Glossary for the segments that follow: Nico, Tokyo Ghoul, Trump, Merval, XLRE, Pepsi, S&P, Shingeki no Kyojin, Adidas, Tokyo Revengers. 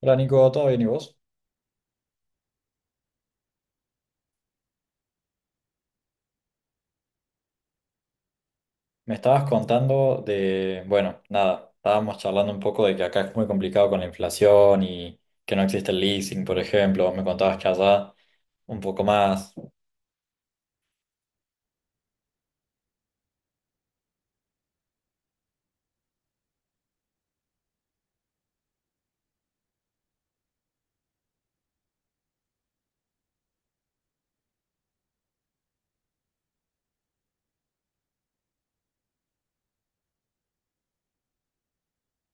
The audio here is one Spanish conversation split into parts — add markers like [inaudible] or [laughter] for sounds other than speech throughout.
Hola Nico, ¿todo bien y vos? Me estabas contando de, bueno, nada, estábamos charlando un poco de que acá es muy complicado con la inflación y que no existe el leasing, por ejemplo. Me contabas que allá un poco más.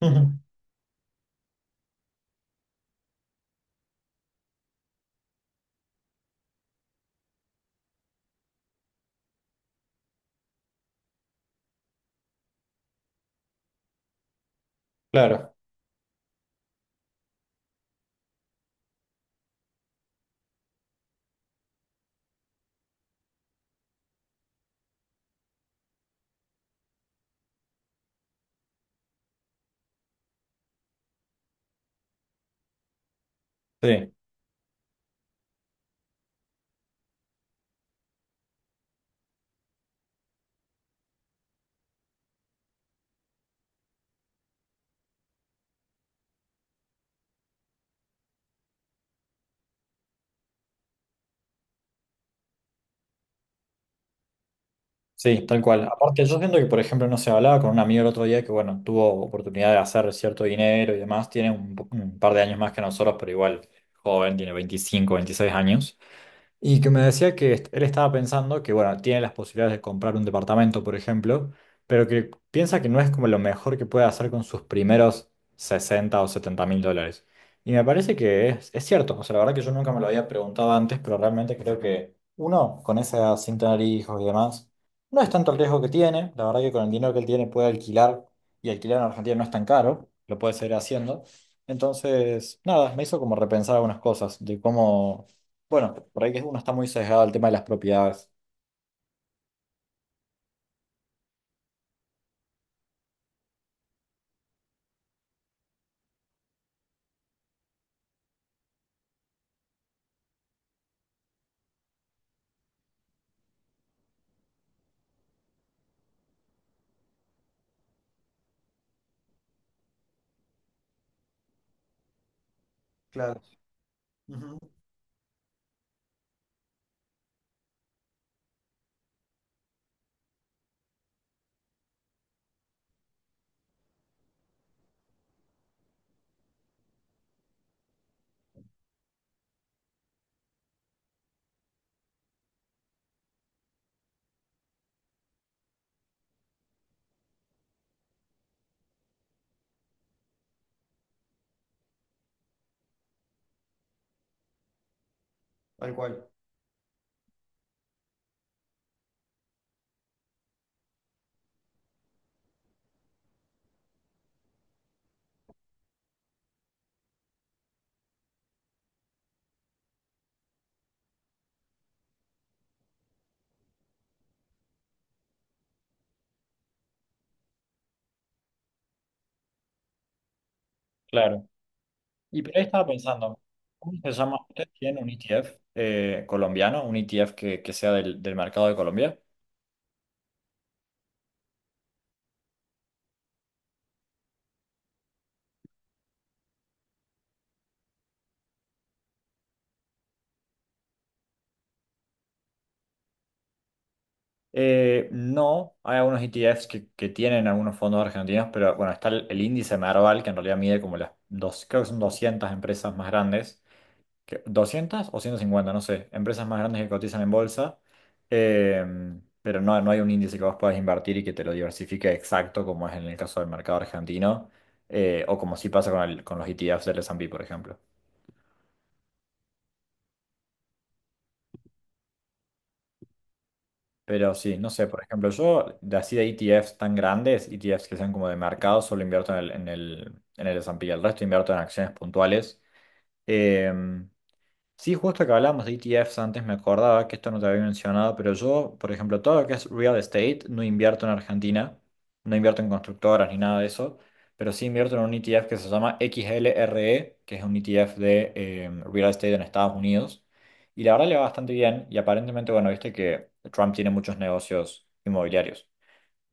Ujú, claro, sí, sí, tal cual. Aparte, yo siento que, por ejemplo, no se hablaba con un amigo el otro día que, bueno, tuvo oportunidad de hacer cierto dinero y demás. Tiene un par de años más que nosotros, pero igual joven, tiene 25, 26 años. Y que me decía que él estaba pensando que, bueno, tiene las posibilidades de comprar un departamento, por ejemplo, pero que piensa que no es como lo mejor que puede hacer con sus primeros 60.000 o 70.000 dólares. Y me parece que es cierto, o sea, la verdad que yo nunca me lo había preguntado antes, pero realmente creo que uno, con esa edad, sin tener hijos y demás, no es tanto el riesgo que tiene, la verdad que con el dinero que él tiene puede alquilar, y alquilar en Argentina no es tan caro, lo puede seguir haciendo. Entonces, nada, me hizo como repensar algunas cosas de cómo, bueno, por ahí que uno está muy sesgado al tema de las propiedades. Claro. Ujú, tal cual. Claro. Y por ahí estaba pensando, ¿cómo se llama? ¿Ustedes tienen un ETF colombiano, un ETF que sea del mercado de Colombia? No, hay algunos ETFs que tienen algunos fondos argentinos, pero bueno, está el índice Merval, que en realidad mide como las dos, creo que son 200 empresas más grandes, 200 o 150, no sé, empresas más grandes que cotizan en bolsa, eh, pero no, no hay un índice que vos puedas invertir y que te lo diversifique exacto como es en el caso del mercado argentino, o como sí pasa con los ETFs del S&P, por ejemplo. Pero sí, no sé, por ejemplo, yo de así de ETFs tan grandes, ETFs que sean como de mercado, solo invierto en el S&P, el resto invierto en acciones puntuales. Eh, Sí, justo que hablábamos de ETFs antes, me acordaba que esto no te había mencionado, pero yo, por ejemplo, todo lo que es real estate, no invierto en Argentina, no invierto en constructoras ni nada de eso, pero sí invierto en un ETF que se llama XLRE, que es un ETF de real estate en Estados Unidos, y la verdad le va bastante bien, y aparentemente, bueno, viste que Trump tiene muchos negocios inmobiliarios,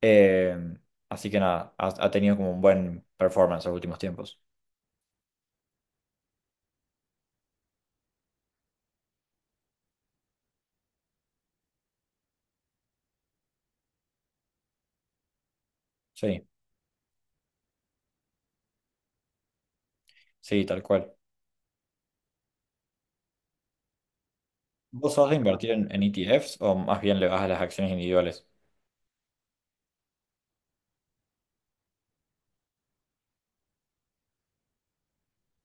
Em, así que nada, ha tenido como un buen performance en los últimos tiempos. Sí, sí, tal cual. ¿Vos sos de invertir en ETFs o más bien le vas a las acciones individuales?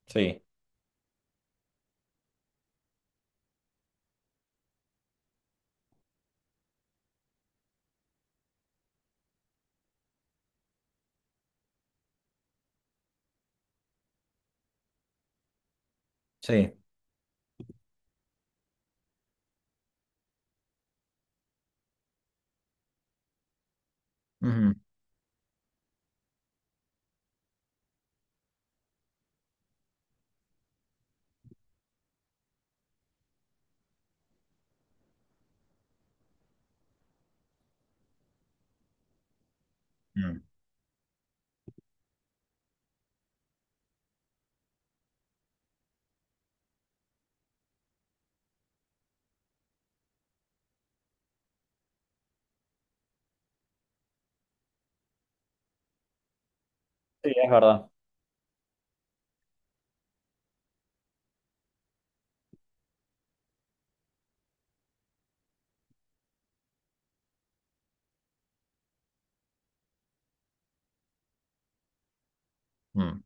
Sí, sí. Ujú, mm. Sí, es verdad. Mm.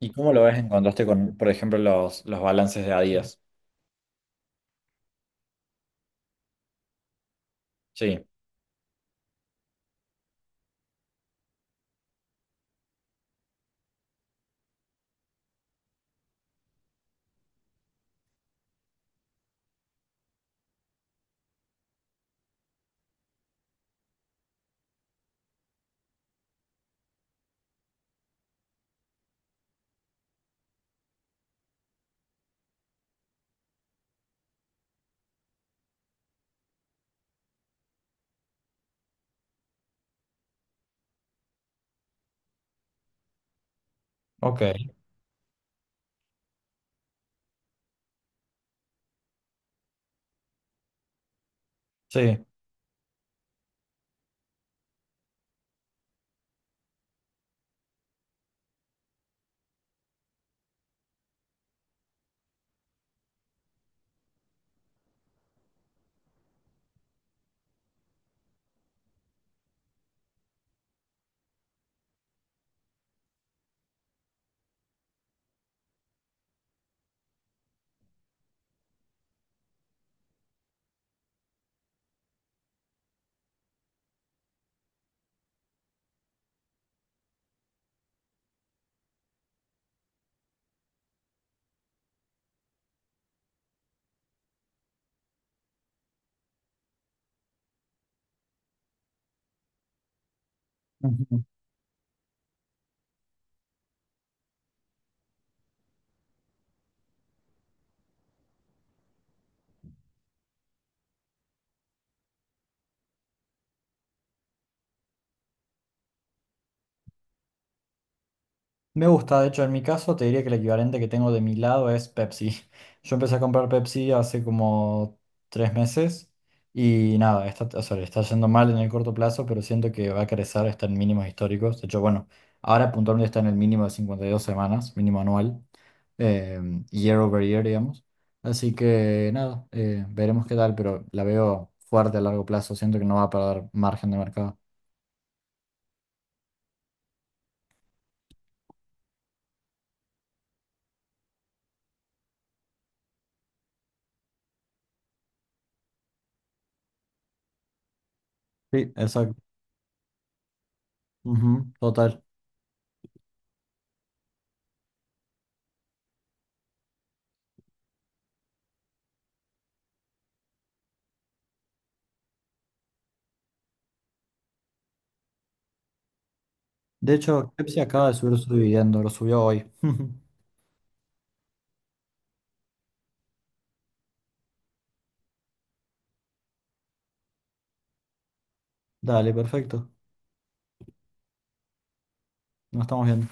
¿Y cómo lo ves en contraste con, por ejemplo, los balances de Adidas? Sí. Ok, sí. Me gusta, de hecho, en mi caso te diría que el equivalente que tengo de mi lado es Pepsi. [laughs] Yo empecé a comprar Pepsi hace como 3 meses y nada, está, o sea, le está yendo mal en el corto plazo, pero siento que va a crecer, está en mínimos históricos. De hecho, bueno, ahora puntualmente está en el mínimo de 52 semanas, mínimo anual, eh, year over year, digamos. Así que nada, veremos qué tal, pero la veo fuerte a largo plazo, siento que no va a perder margen de mercado. Sí, exacto. Ujú, total. De hecho, Pepsi acaba de subir su dividendo, lo subió hoy. [laughs] Dale, perfecto. Nos estamos viendo.